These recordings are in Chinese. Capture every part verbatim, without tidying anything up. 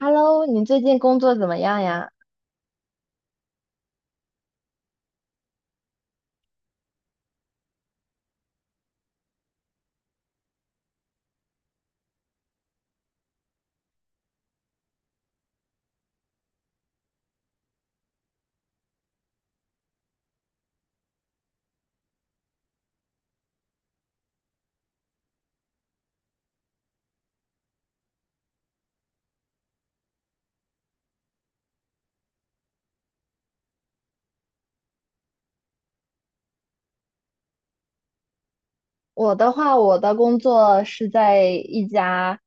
Hello，你最近工作怎么样呀？我的话，我的工作是在一家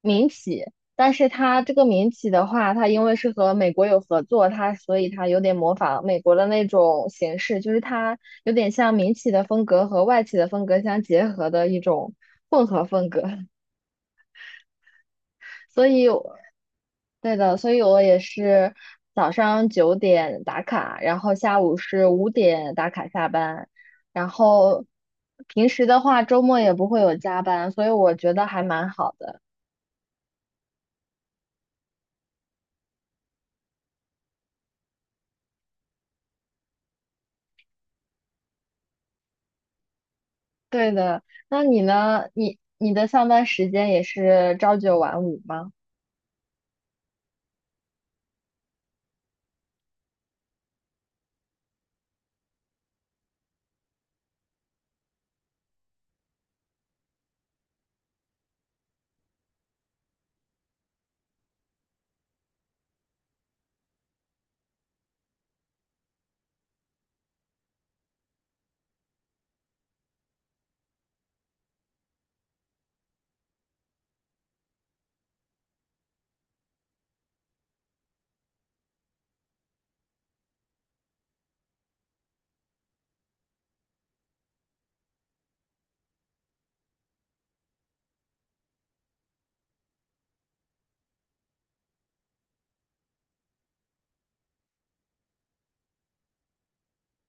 民企，但是它这个民企的话，它因为是和美国有合作，它所以它有点模仿美国的那种形式，就是它有点像民企的风格和外企的风格相结合的一种混合风格，所以对的，所以我也是早上九点打卡，然后下午是五点打卡下班，然后平时的话，周末也不会有加班，所以我觉得还蛮好的。对的，那你呢？你你的上班时间也是朝九晚五吗？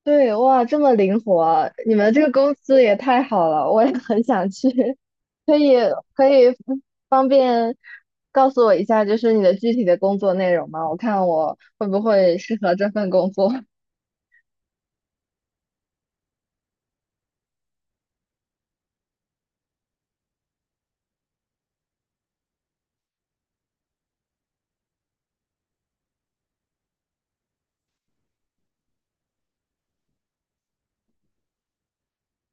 对，哇，这么灵活，你们这个公司也太好了，我也 很想去。可以可以方便告诉我一下，就是你的具体的工作内容吗？我看我会不会适合这份工作。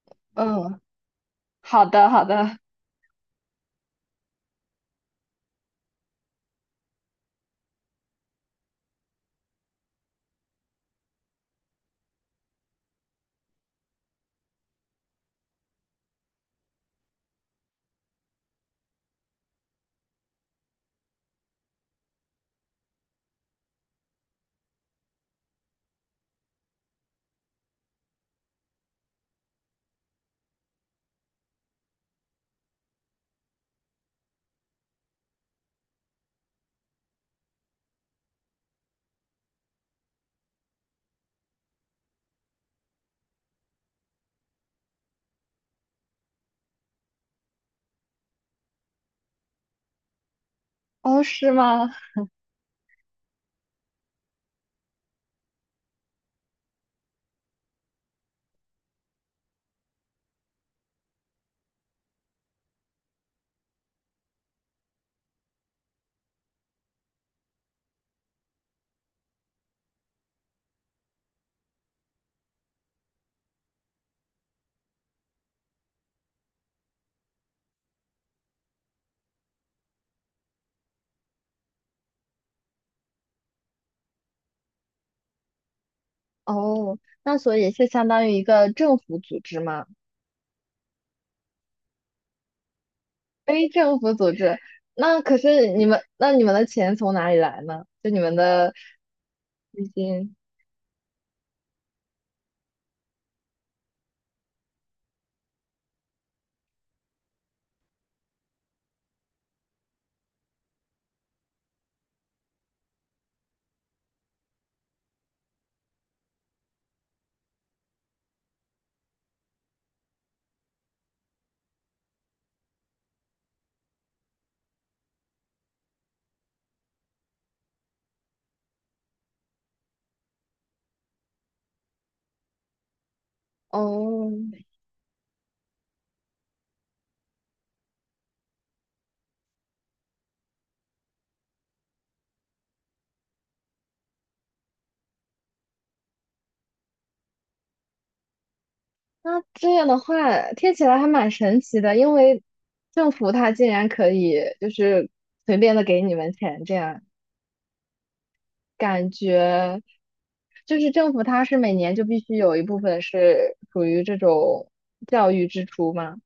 嗯，好的好的。哦，是吗？哦，那所以是相当于一个政府组织吗？非政府组织，那可是你们，那你们的钱从哪里来呢？就你们的资金。哦，那这样的话听起来还蛮神奇的，因为政府它竟然可以就是随便的给你们钱，这样感觉就是政府它是每年就必须有一部分是属于这种教育支出吗？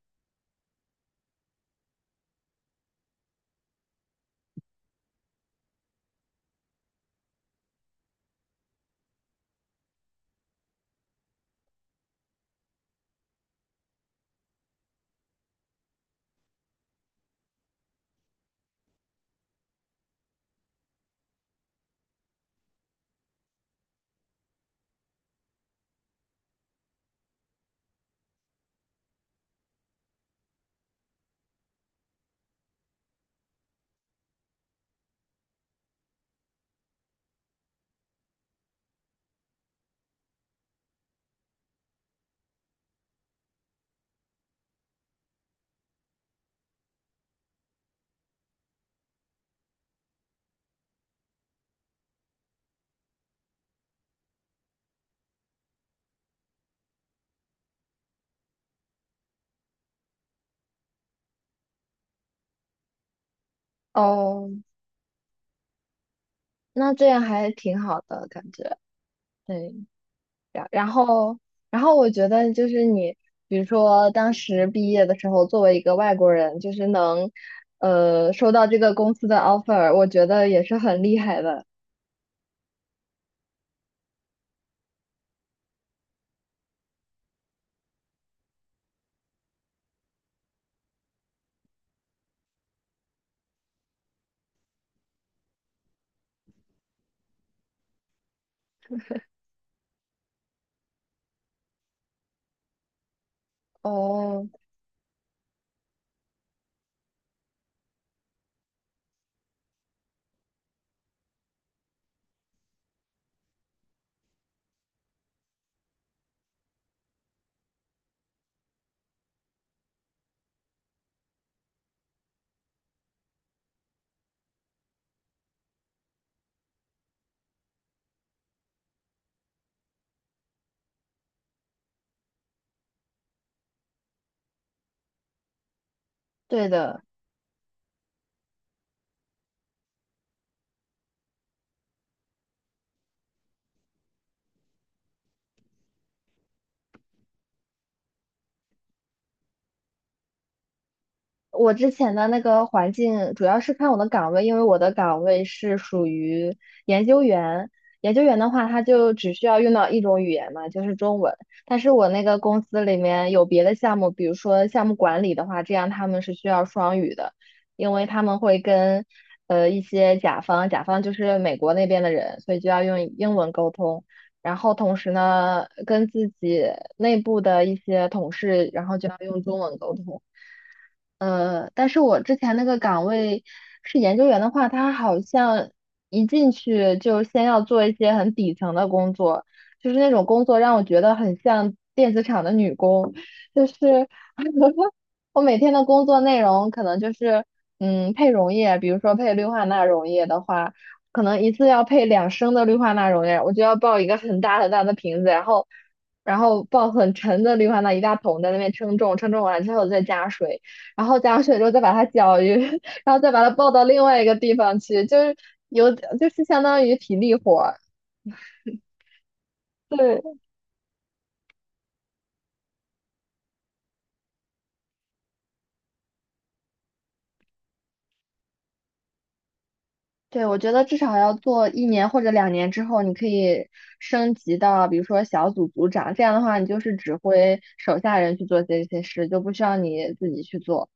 哦，那这样还挺好的感觉，对。然然后，然后我觉得就是你，比如说当时毕业的时候，作为一个外国人，就是能，呃，收到这个公司的 offer，我觉得也是很厉害的。哦，对的，我之前的那个环境主要是看我的岗位，因为我的岗位是属于研究员。研究员的话，他就只需要用到一种语言嘛，就是中文。但是我那个公司里面有别的项目，比如说项目管理的话，这样他们是需要双语的，因为他们会跟呃一些甲方，甲方就是美国那边的人，所以就要用英文沟通。然后同时呢，跟自己内部的一些同事，然后就要用中文沟通。呃，但是我之前那个岗位是研究员的话，他好像一进去就先要做一些很底层的工作，就是那种工作让我觉得很像电子厂的女工，就是 我每天的工作内容可能就是嗯配溶液，比如说配氯化钠溶液的话，可能一次要配两升的氯化钠溶液，我就要抱一个很大很大的瓶子，然后。然后抱很沉的氯化钠一大桶在那边称重，称重完之后再加水，然后加上水之后再把它搅匀，然后再把它抱到另外一个地方去，就是有就是相当于体力活儿。对对，我觉得至少要做一年或者两年之后，你可以升级到比如说小组组长，这样的话你就是指挥手下人去做这些事，就不需要你自己去做。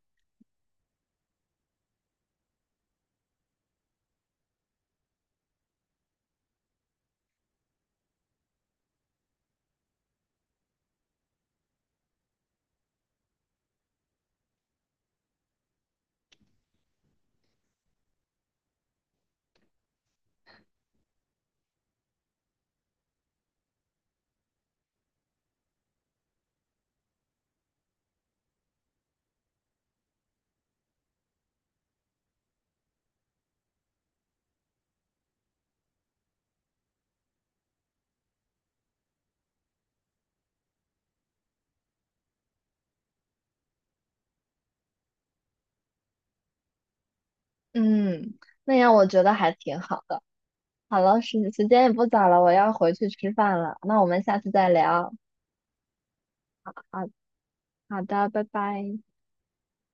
嗯，那样我觉得还挺好的。好了，时时间也不早了，我要回去吃饭了。那我们下次再聊。好好的，拜拜。